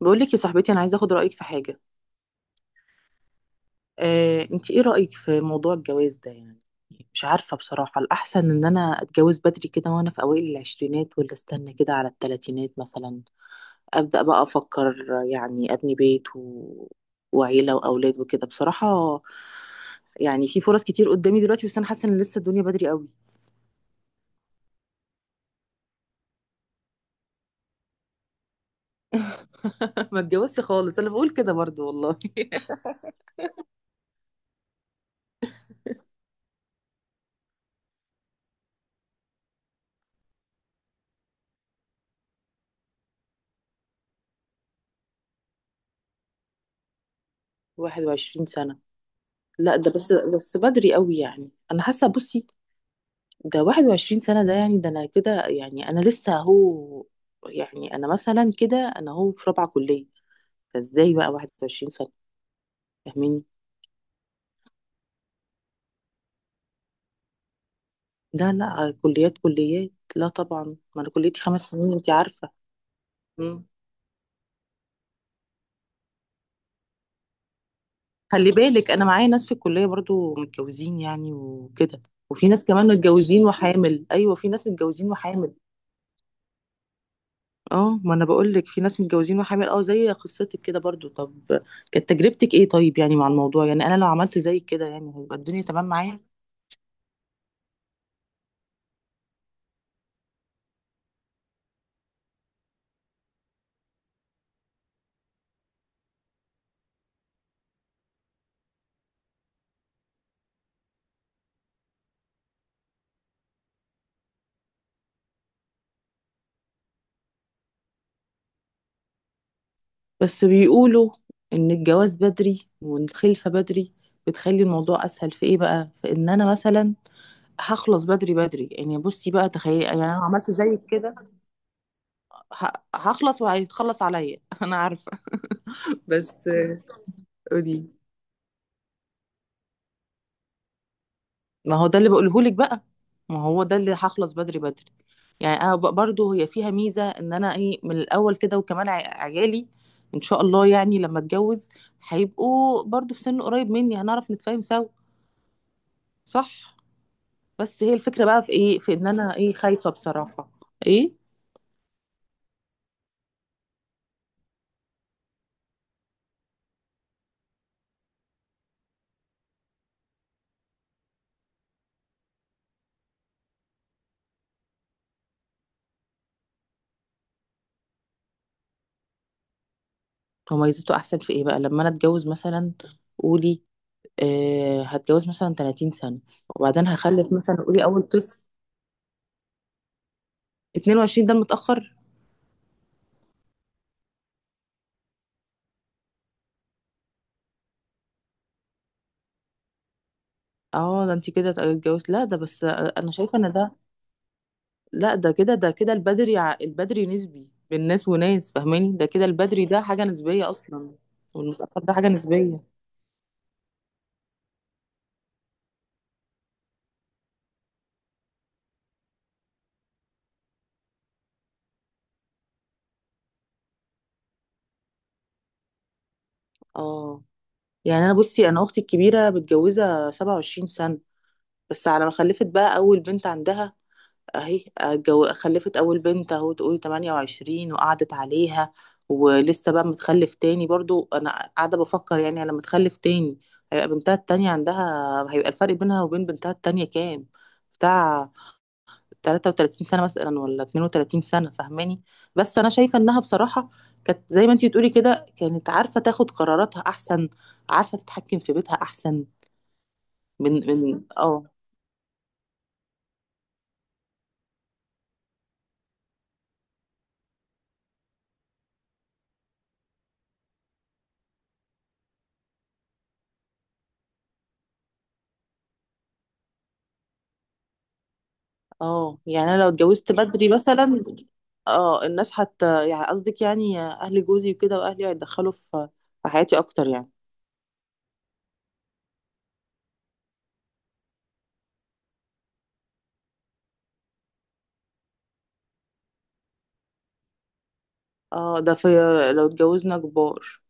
بقول لك يا صاحبتي انا عايزه اخد رايك في حاجه. انت ايه رايك في موضوع الجواز ده يعني؟ مش عارفه بصراحه، الاحسن ان انا اتجوز بدري كده وانا في اوائل العشرينات، ولا استنى كده على التلاتينات مثلا؟ ابدا بقى افكر، يعني ابني بيت وعيله واولاد وكده بصراحه. يعني في فرص كتير قدامي دلوقتي، بس انا حاسه ان لسه الدنيا بدري قوي. ما اتجوزش خالص، انا بقول كده برضو والله. 21 سنة؟ لا، ده بس بدري قوي يعني، انا حاسه. بصي، ده 21 سنة ده يعني، ده أنا كده يعني أنا لسه هو يعني أنا مثلا كده أنا هو في رابعة كلية، فإزاي بقى 21 سنة؟ فاهميني. لا لا، كليات كليات، لا طبعا. ما أنا كليتي 5 سنين أنت عارفة. مم. خلي بالك أنا معايا ناس في الكلية برضو متجوزين يعني وكده. وفي ناس كمان متجوزين وحامل، أيوة في ناس متجوزين وحامل. اه، ما انا بقول لك في ناس متجوزين وحامل، اه زي قصتك كده برضو. طب كانت تجربتك ايه طيب يعني مع الموضوع؟ يعني انا لو عملت زي كده يعني هيبقى الدنيا تمام معايا؟ بس بيقولوا ان الجواز بدري والخلفة بدري بتخلي الموضوع اسهل. في ايه بقى؟ في ان انا مثلا هخلص بدري بدري يعني. بصي بقى تخيل، يعني انا لو عملت زي كده هخلص وهيتخلص عليا. انا عارفة. بس قولي. ما هو ده اللي بقوله لك بقى. ما هو ده اللي هخلص بدري بدري. يعني انا برضو هي فيها ميزه، ان انا ايه من الاول كده، وكمان عيالي ان شاء الله يعني لما اتجوز هيبقوا برضو في سن قريب مني، هنعرف نتفاهم سوا. صح. بس هي الفكره بقى في ايه؟ في ان انا ايه خايفه بصراحه. ايه. هو ميزته احسن في ايه بقى لما انا اتجوز مثلا؟ قولي. آه هتجوز مثلا 30 سنه، وبعدين هخلف مثلا، قولي، اول طفل. 22 ده متاخر؟ اه. ده انت كده اتجوزت. لا، ده بس انا شايفه ان ده... لا، ده كده، ده كده البدري، البدري نسبي بين ناس وناس، فاهماني؟ ده كده البدري ده حاجه نسبيه اصلا. والمتاخر ده حاجه نسبيه. اه. يعني انا بصي، انا اختي الكبيره متجوزه 27 سنه. بس على ما خلفت بقى اول بنت عندها، اهي جو خلفت اول بنت اهو، تقولي 28، وقعدت عليها. ولسه بقى متخلف تاني برضو. انا قاعده بفكر يعني لما تخلف تاني، هيبقى بنتها التانية عندها، هيبقى الفرق بينها وبين بنتها التانية كام، بتاع 33 سنة مثلا، ولا 32 سنة؟ فاهماني؟ بس انا شايفة انها بصراحة كانت زي ما انتي بتقولي كده، كانت عارفة تاخد قراراتها احسن، عارفة تتحكم في بيتها احسن. من من اه. اه يعني انا لو اتجوزت بدري مثلا. اه الناس حتى، يعني قصدك يعني اهل جوزي وكده واهلي هيتدخلوا في في حياتي اكتر يعني. اه ده في، لو اتجوزنا كبار.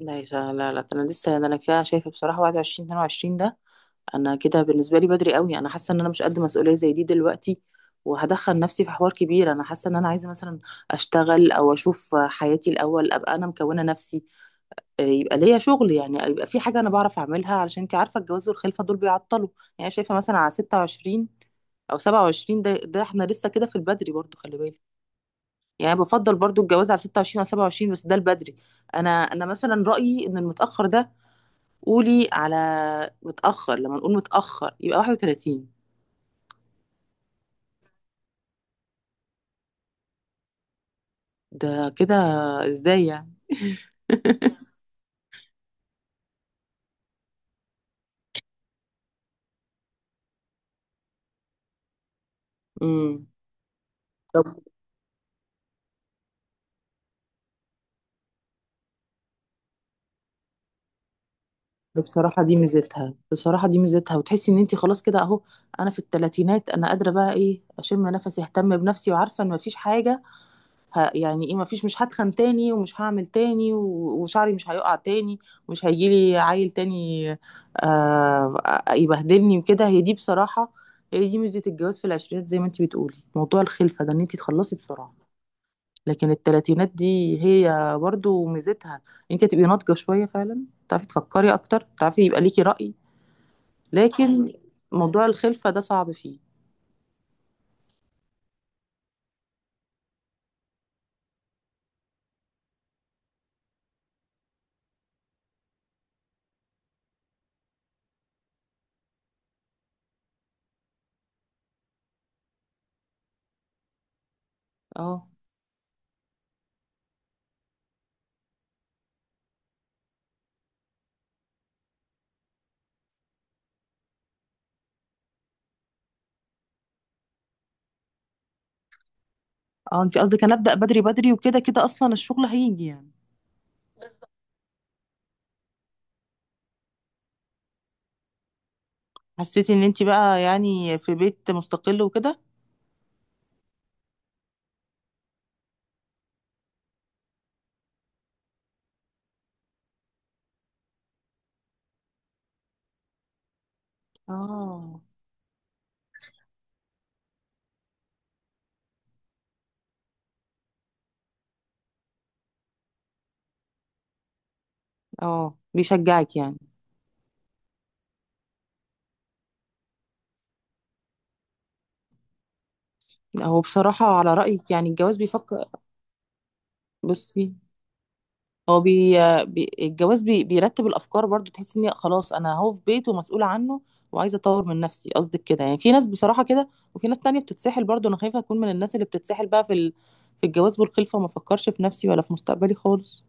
لا يا لا لا، ده انا لسه، ده انا كده شايفه بصراحه 21 22 ده انا كده بالنسبه لي بدري قوي. انا حاسه ان انا مش قد مسؤوليه زي دي دلوقتي، وهدخل نفسي في حوار كبير. انا حاسه ان انا عايزه مثلا اشتغل او اشوف حياتي الاول، ابقى انا مكونه نفسي. يبقى ليا شغل يعني، يبقى في حاجة أنا بعرف أعملها، علشان أنت عارفة الجواز والخلفة دول بيعطلوا. يعني شايفة مثلا على 26 أو 27، ده ده احنا لسه كده في البدري برضو خلي بالك. يعني بفضل برضو الجواز على 26 أو 27، بس ده البدري. أنا مثلا رأيي إن المتأخر ده... قولي على متأخر. لما نقول متأخر يبقى 31. ده كده إزاي يعني؟ امم بصراحة دي ميزتها. بصراحة دي ميزتها، وتحسي ان انتي خلاص كده اهو، انا في التلاتينات انا قادرة بقى، ايه، اشم نفسي، اهتم بنفسي، وعارفة ان مفيش حاجة يعني ايه، مفيش، مش هتخن تاني ومش هعمل تاني وشعري مش هيقع تاني، ومش هيجيلي عيل تاني آه... يبهدلني وكده. هي دي بصراحة، هي دي ميزة الجواز في العشرينات، زي ما انتي بتقولي موضوع الخلفة ده ان انتي تخلصي بسرعة. لكن التلاتينات دي هي برضو ميزتها، انتي هتبقي ناضجة شوية فعلا، تعرفي تفكري اكتر، تعرفي يبقى ليكي رأي. لكن موضوع الخلفة ده صعب فيه. اه. اه انت قصدك هنبدأ بدري بدري وكده كده اصلا الشغل هيجي يعني. حسيتي ان انت بقى يعني في بيت مستقل وكده. اه. اه بيشجعك يعني. هو بصراحة على رأيك يعني الجواز بيفكر. بصي، هو الجواز بيرتب الافكار برضو، تحس ان خلاص انا هو في بيت ومسؤوله عنه، وعايزه اطور من نفسي. قصدك كده يعني؟ في ناس بصراحه كده، وفي ناس تانية بتتسحل برضو. انا خايفه اكون من الناس اللي بتتسحل بقى في في الجواز والخلفه، وما افكرش في نفسي ولا في مستقبلي خالص.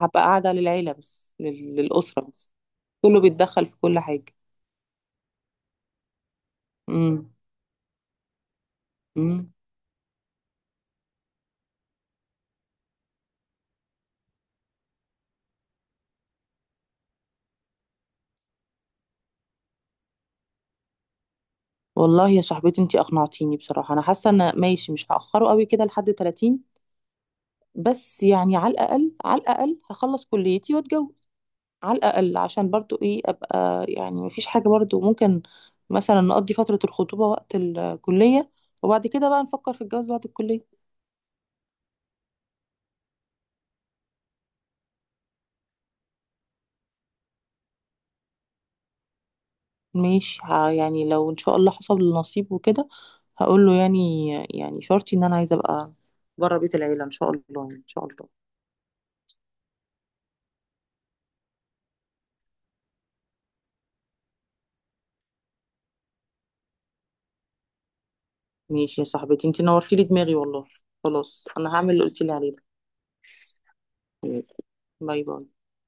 هبقى قاعده للعيله بس، للاسره بس. كله بيتدخل في كل حاجه. امم امم والله يا صاحبتي انتي اقنعتيني بصراحه. انا حاسه ان ماشي، مش هاخره قوي كده لحد 30، بس يعني على الاقل على الاقل هخلص كليتي واتجوز. على الأقل عشان برضو إيه، أبقى يعني مفيش حاجة برضو، ممكن مثلا نقضي فترة الخطوبة وقت الكلية، وبعد كده بقى نفكر في الجواز بعد الكلية. ماشي. يعني لو إن شاء الله حصل النصيب وكده، هقول له يعني، يعني شرطي إن أنا عايزة أبقى بره بيت العيلة إن شاء الله. يعني إن شاء الله. ماشي يا صاحبتي، انتي نورتي لي دماغي والله. خلاص أنا هعمل اللي قلتي لي عليه ده. باي باي.